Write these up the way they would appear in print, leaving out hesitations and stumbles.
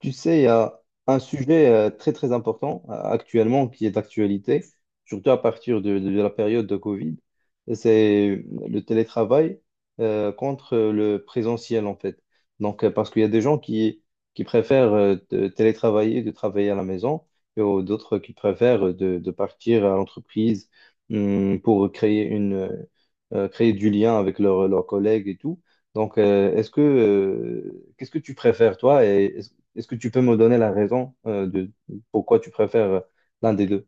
Tu sais, il y a un sujet très très important actuellement qui est d'actualité, surtout à partir de la période de Covid, c'est le télétravail contre le présentiel en fait. Donc, parce qu'il y a des gens qui préfèrent de télétravailler, de travailler à la maison, et d'autres qui préfèrent de partir à l'entreprise pour créer du lien avec leurs collègues et tout. Donc, est-ce que qu'est-ce que tu préfères toi et est-ce que tu peux me donner la raison de pourquoi tu préfères l'un des deux?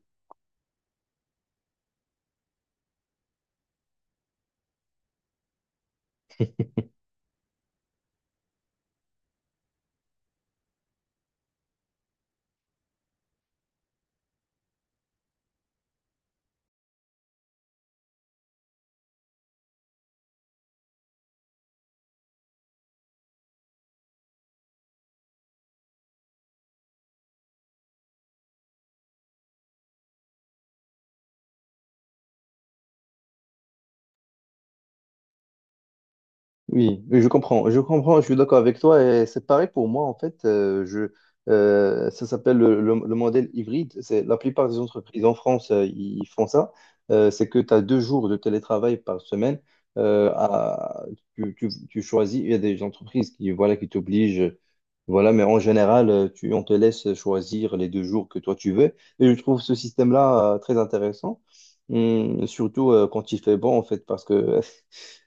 Oui, je comprends, je comprends, je suis d'accord avec toi et c'est pareil pour moi en fait. Ça s'appelle le modèle hybride. C'est la plupart des entreprises en France, ils font ça. C'est que tu as 2 jours de télétravail par semaine. euh, à- tu choisis. Il y a des entreprises qui voilà qui t'obligent, voilà. Mais en général, on te laisse choisir les 2 jours que toi tu veux. Et je trouve ce système-là très intéressant. Surtout quand il fait bon en fait parce que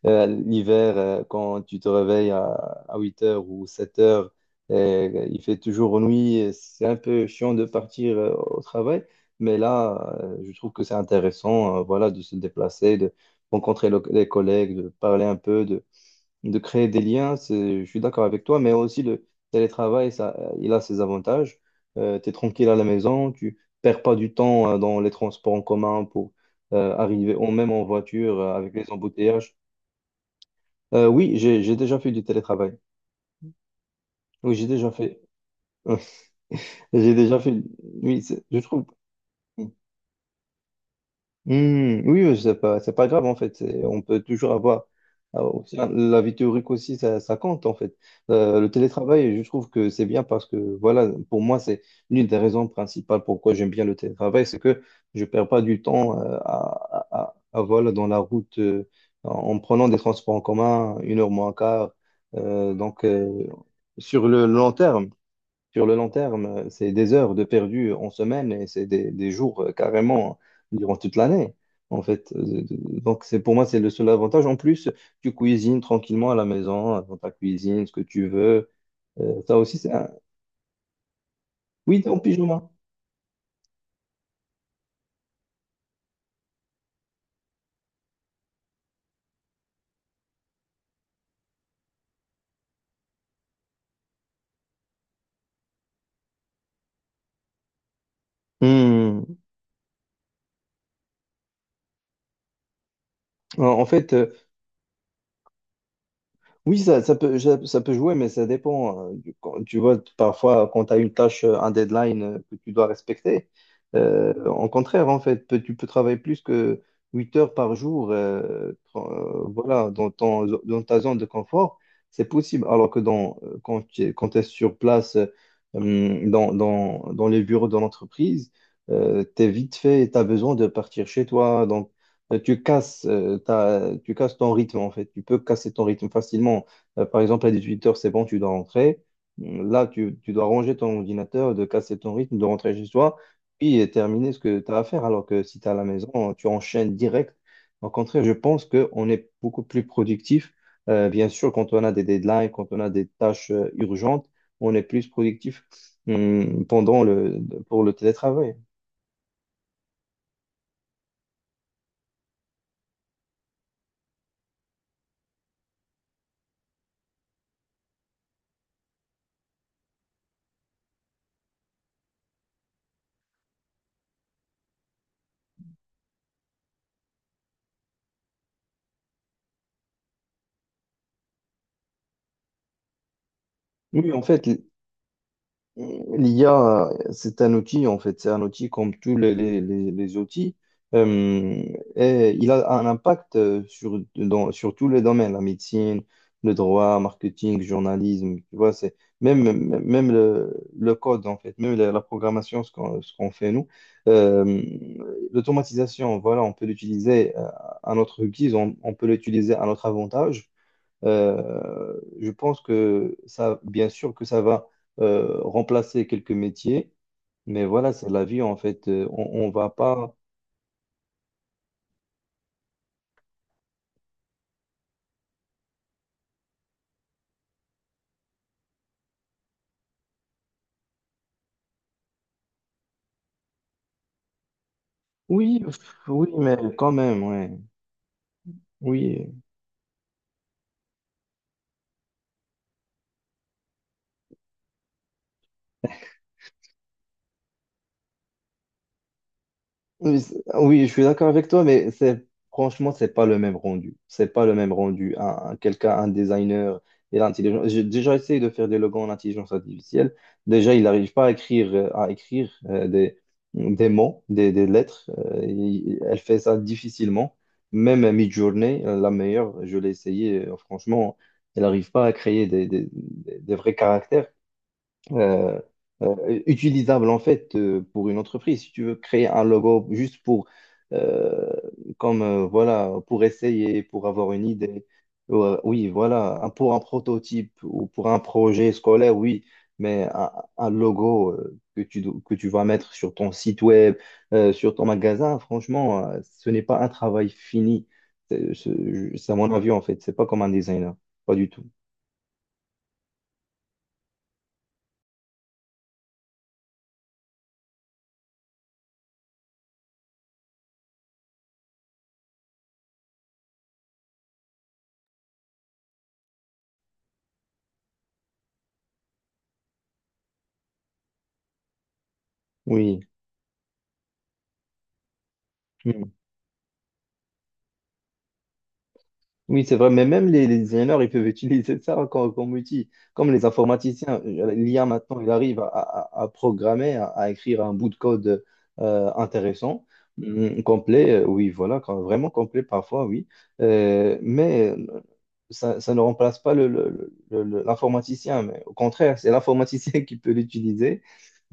l'hiver, quand tu te réveilles à 8h ou 7h, il fait toujours nuit. Et c'est un peu chiant de partir au travail, mais là, je trouve que c'est intéressant, voilà, de se déplacer, de rencontrer les collègues, de parler un peu, de créer des liens. Je suis d'accord avec toi, mais aussi le télétravail, ça, il a ses avantages. Tu es tranquille à la maison, tu perds pas du temps dans les transports en commun pour arriver, ou même en voiture avec les embouteillages. Oui, j'ai déjà fait du télétravail. Oui, j'ai déjà fait. J'ai déjà fait. Oui, je trouve. Hmm, hmm, oui, oui, c'est pas grave en fait. On peut toujours avoir. Ah, aussi, hein, la vie théorique aussi, ça compte en fait. Le télétravail, je trouve que c'est bien parce que voilà, pour moi, c'est l'une des raisons principales pourquoi j'aime bien le télétravail, c'est que je perds pas du temps à, voilà, dans la route en prenant des transports en commun, une heure moins quart. Donc, sur le long terme. Sur le long terme, c'est des heures de perdu en semaine et c'est des jours carrément durant toute l'année, en fait. Donc, c'est pour moi, c'est le seul avantage. En plus, tu cuisines tranquillement à la maison, dans ta cuisine, ce que tu veux. Ça aussi, c'est un. Oui, t'es en pyjama. Hmm. En fait. Oui, ça peut jouer, mais ça dépend. Tu vois, parfois, quand tu as une tâche, un deadline que tu dois respecter, en contraire, en fait, tu peux travailler plus que 8 heures par jour, voilà, dans ta zone de confort, c'est possible. Alors que dans, quand tu es, quand t'es sur place, dans les bureaux de l'entreprise, t'es vite fait, tu as besoin de partir chez toi, tu casses ton rythme en fait. Tu peux casser ton rythme facilement. Par exemple, à 18 heures c'est bon, tu dois rentrer. Là, tu dois ranger ton ordinateur, de casser ton rythme, de rentrer chez toi, puis terminer ce que tu as à faire. Alors que si tu es à la maison, tu enchaînes direct. Au contraire, je pense qu'on est beaucoup plus productif. Bien sûr, quand on a des deadlines, quand on a des tâches urgentes, on est plus productif mm, pendant le, pour le télétravail. Oui, en fait, l'IA, c'est un outil, en fait, c'est un outil comme tous les outils. Euh, et il a un impact sur tous les domaines, la médecine, le droit, marketing, journalisme, tu vois, c'est même le code, en fait, même la programmation, ce qu'on fait nous. Euh, L'automatisation, voilà, on peut l'utiliser à notre guise, on peut l'utiliser à notre avantage. Je pense que ça, bien sûr que ça va remplacer quelques métiers, mais voilà, c'est la vie en fait. On va pas. Oui, pff, oui, mais quand même, ouais. Oui, oui, oui, je suis d'accord avec toi, mais c'est pas le même rendu. C'est pas le même rendu. Quelqu'un, un designer et l'intelligence. J'ai déjà essayé de faire des logos en intelligence artificielle. Déjà, il n'arrive pas à écrire des mots, des lettres. Elle fait ça difficilement. Même à Midjourney, la meilleure, je l'ai essayé. Franchement, elle n'arrive pas à créer des vrais caractères euh, utilisable en fait pour une entreprise. Si tu veux créer un logo juste pour, euh, comme voilà, pour essayer, pour avoir une idée, Ouais, oui, voilà, pour un prototype ou pour un projet scolaire, oui, mais un logo que tu vas mettre sur ton site web, sur ton magasin, franchement, ce n'est pas un travail fini. C'est à mon avis en fait, c'est pas comme un designer, pas du tout. Oui. Oui, c'est vrai, mais même les designers, ils peuvent utiliser ça comme outil. Comme les informaticiens, l'IA maintenant, il arrive à programmer, à écrire un bout de code intéressant, complet, oui, voilà, vraiment complet parfois, oui. Mais ça ne remplace pas l'informaticien, mais au contraire, c'est l'informaticien qui peut l'utiliser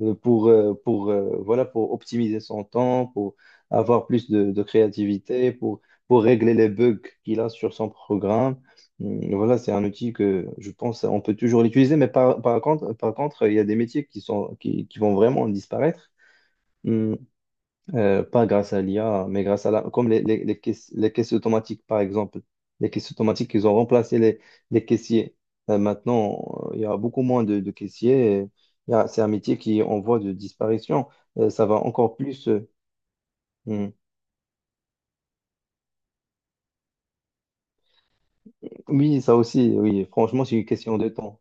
voilà, pour optimiser son temps, pour avoir plus de créativité, pour régler les bugs qu'il a sur son programme. Voilà, c'est un outil que je pense on peut toujours l'utiliser, mais par contre, il y a des métiers qui vont vraiment disparaître. Mm, Pas grâce à l'IA, mais grâce comme les caisses, les caisses automatiques, par exemple. Les caisses automatiques, ils ont remplacé les caissiers. Maintenant, il y a beaucoup moins de caissiers. et C'est un métier qui est en voie de disparition. Ça va encore plus. Mm. Oui, ça aussi, oui. Franchement, c'est une question de temps.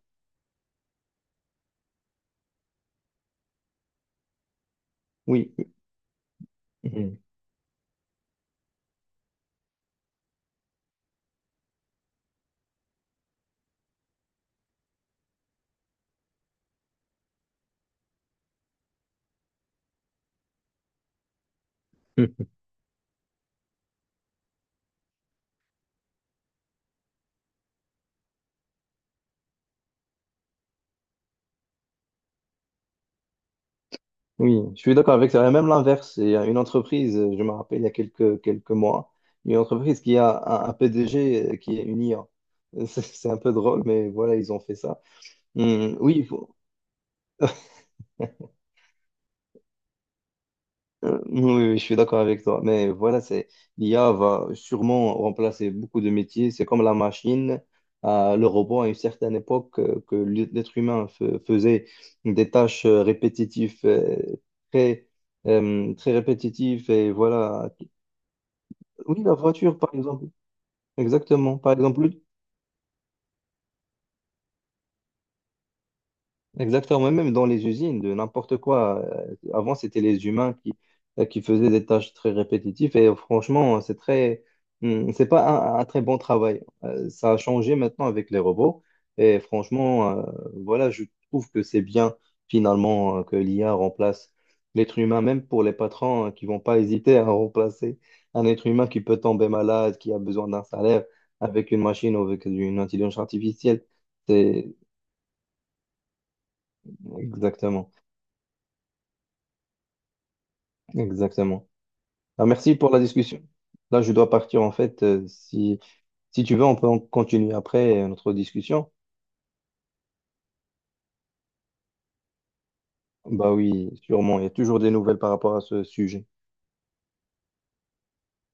Oui. Hum, hum. Oui, je suis d'accord avec ça. Et même l'inverse, il y a une entreprise, je me rappelle il y a quelques mois, une entreprise qui a un PDG qui est une IA. C'est un peu drôle, mais voilà, ils ont fait ça. Oui, oui, oui, je suis d'accord avec toi. Mais voilà, c'est l'IA va sûrement remplacer beaucoup de métiers. C'est comme la machine, le robot à une certaine époque que l'être humain faisait des tâches répétitives très très répétitif et voilà. Oui, la voiture, par exemple. Exactement. Par exemple. Exactement, même dans les usines, de n'importe quoi. Avant, c'était les humains qui faisaient des tâches très répétitives et franchement, c'est pas un très bon travail. Ça a changé maintenant avec les robots et franchement, voilà, je trouve que c'est bien finalement que l'IA remplace l'être humain, même pour les patrons qui vont pas hésiter à remplacer un être humain qui peut tomber malade, qui a besoin d'un salaire avec une machine ou avec une intelligence artificielle. C'est exactement. Exactement. Ah, merci pour la discussion. Là, je dois partir en fait. Si tu veux, on peut en continuer après notre discussion. Bah oui, sûrement. Il y a toujours des nouvelles par rapport à ce sujet.